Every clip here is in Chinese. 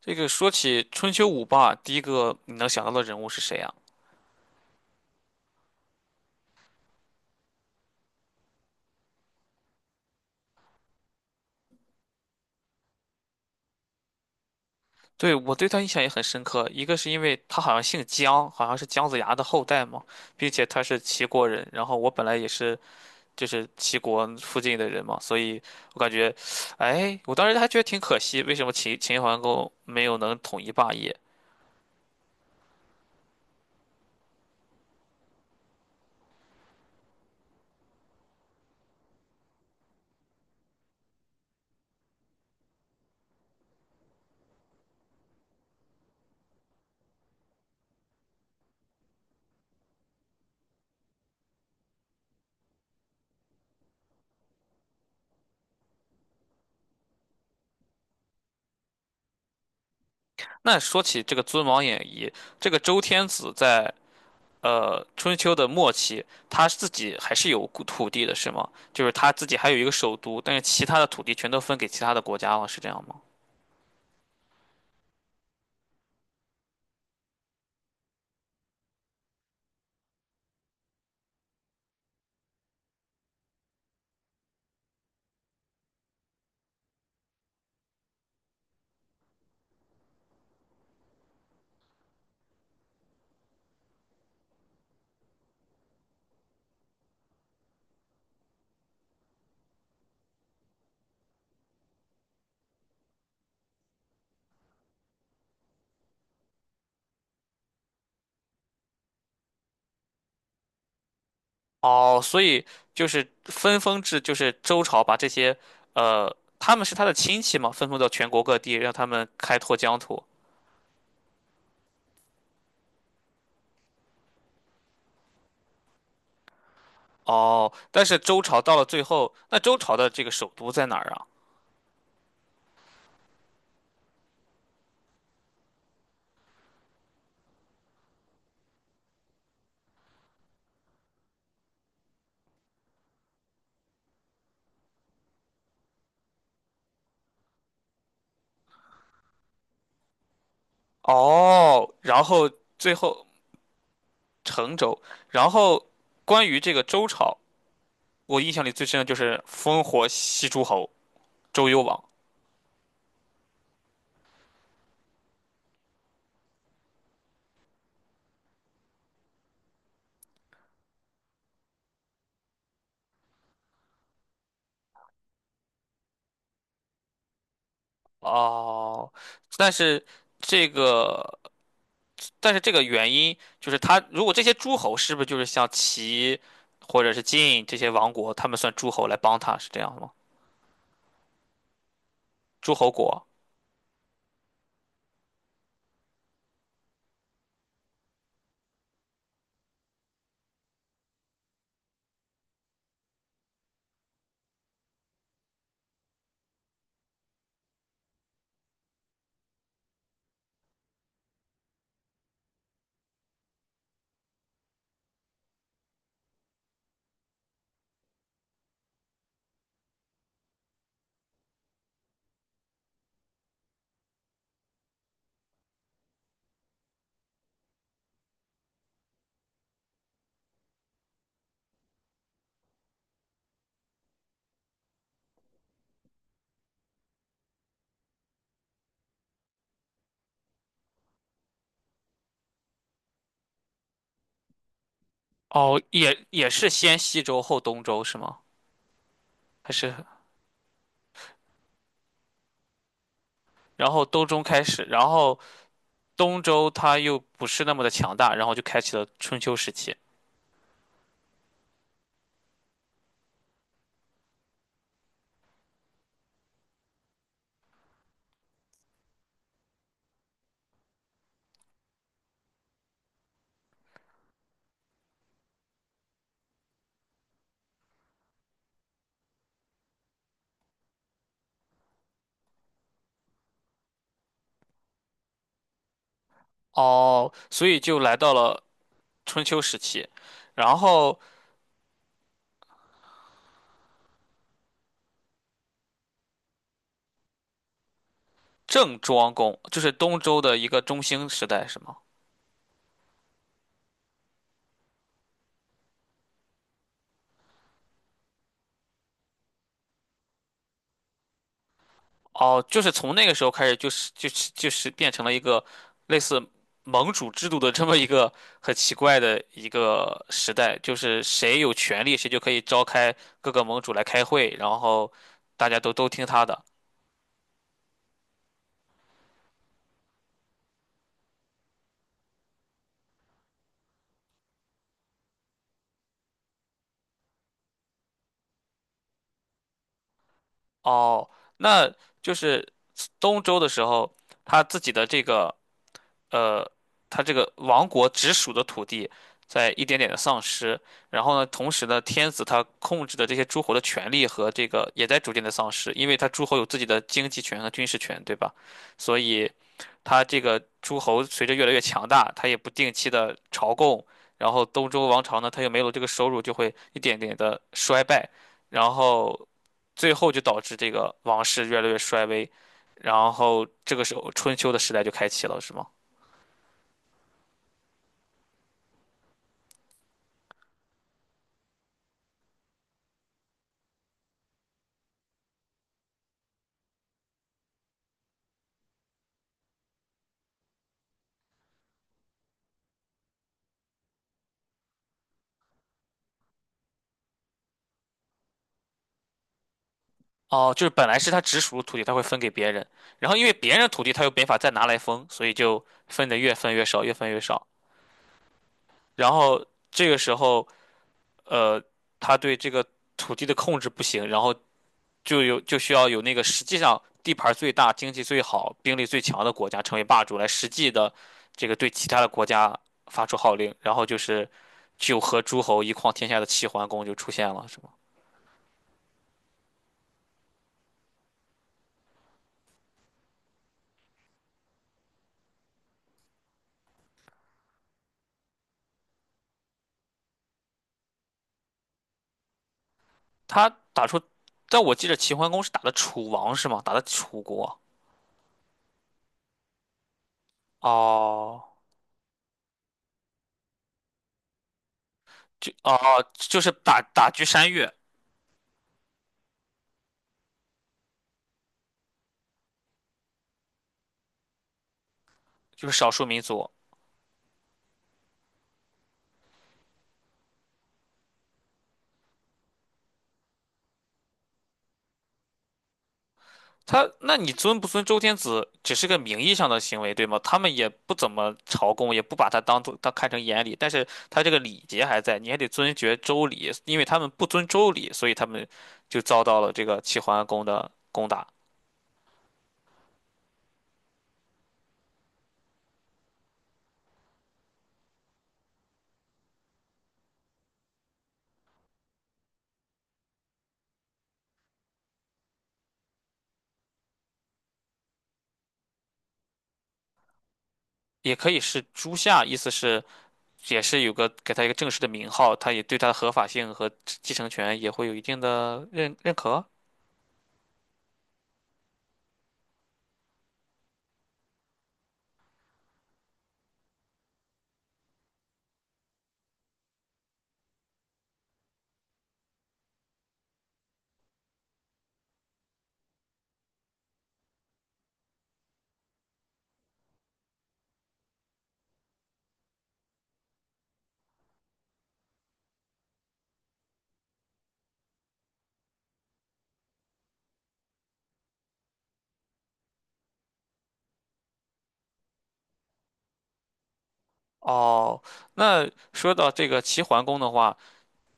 这个说起春秋五霸，第一个你能想到的人物是谁啊？对，我对他印象也很深刻，一个是因为他好像姓姜，好像是姜子牙的后代嘛，并且他是齐国人，然后我本来也是就是齐国附近的人嘛，所以我感觉，哎，我当时还觉得挺可惜，为什么秦桓公没有能统一霸业？那说起这个尊王演义，这个周天子在春秋的末期，他自己还是有土地的，是吗？就是他自己还有一个首都，但是其他的土地全都分给其他的国家了，是这样吗？哦，所以就是分封制，就是周朝把这些，他们是他的亲戚嘛，分封到全国各地，让他们开拓疆土。哦，但是周朝到了最后，那周朝的这个首都在哪儿啊？哦，然后最后成周。然后关于这个周朝，我印象里最深的就是烽火戏诸侯，周幽王。哦，但是这个，但是这个原因就是他，如果这些诸侯是不是就是像齐或者是晋这些王国，他们算诸侯来帮他是这样吗？诸侯国。哦，也也是先西周后东周是吗？还是，然后东周开始，然后东周他又不是那么的强大，然后就开启了春秋时期。哦，所以就来到了春秋时期。然后郑庄公就是东周的一个中兴时代，是吗？哦，就是从那个时候开始，就是变成了一个类似盟主制度的这么一个很奇怪的一个时代，就是谁有权利，谁就可以召开各个盟主来开会，然后大家都听他的。哦，那就是东周的时候，他自己的这个，呃，他这个王国直属的土地在一点点的丧失，然后呢，同时呢，天子他控制的这些诸侯的权力和这个也在逐渐的丧失，因为他诸侯有自己的经济权和军事权，对吧？所以他这个诸侯随着越来越强大，他也不定期的朝贡，然后东周王朝呢，他又没有这个收入，就会一点点的衰败，然后最后就导致这个王室越来越衰微，然后这个时候春秋的时代就开启了，是吗？哦，就是本来是他直属的土地，他会分给别人，然后因为别人的土地他又没法再拿来分，所以就分的越分越少，越分越少。然后这个时候，呃，他对这个土地的控制不行，然后就有就需要有那个实际上地盘儿最大、经济最好、兵力最强的国家成为霸主，来实际的这个对其他的国家发出号令。然后就是九合诸侯一匡天下的齐桓公就出现了，是吗？他打出，但我记得齐桓公是打的楚王是吗？打的楚国。哦，就哦，就是打打击山岳，就是少数民族。他，那你尊不尊周天子，只是个名义上的行为，对吗？他们也不怎么朝贡，也不把他当做当看成眼里，但是他这个礼节还在，你还得尊爵周礼，因为他们不遵周礼，所以他们就遭到了这个齐桓公的攻打。也可以是朱夏，意思是也是有个给他一个正式的名号，他也对他的合法性和继承权也会有一定的认可。哦，那说到这个齐桓公的话，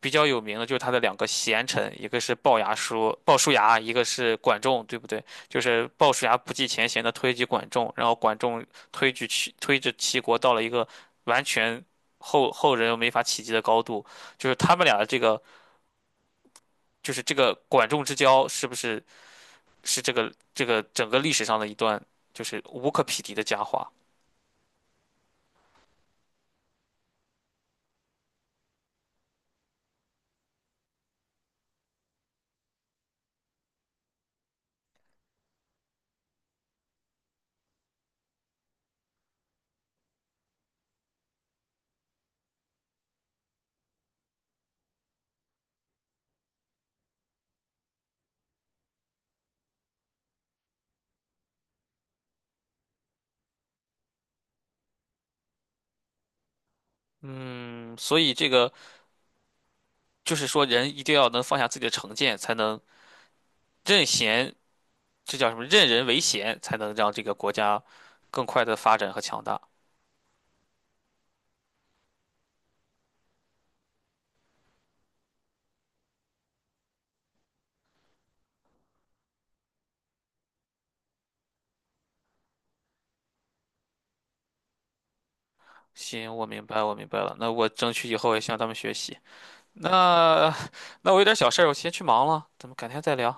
比较有名的就是他的两个贤臣，一个是鲍叔牙，一个是管仲，对不对？就是鲍叔牙不计前嫌的推举管仲，然后管仲推着齐国到了一个完全后人又没法企及的高度，就是他们俩的这个就是这个管仲之交，是这个这个整个历史上的一段就是无可匹敌的佳话？嗯，所以这个。就是说人一定要能放下自己的成见，才能任贤，这叫什么？任人唯贤，才能让这个国家更快的发展和强大。行，我明白，我明白了。那我争取以后也向他们学习。那我有点小事儿，我先去忙了，咱们改天再聊。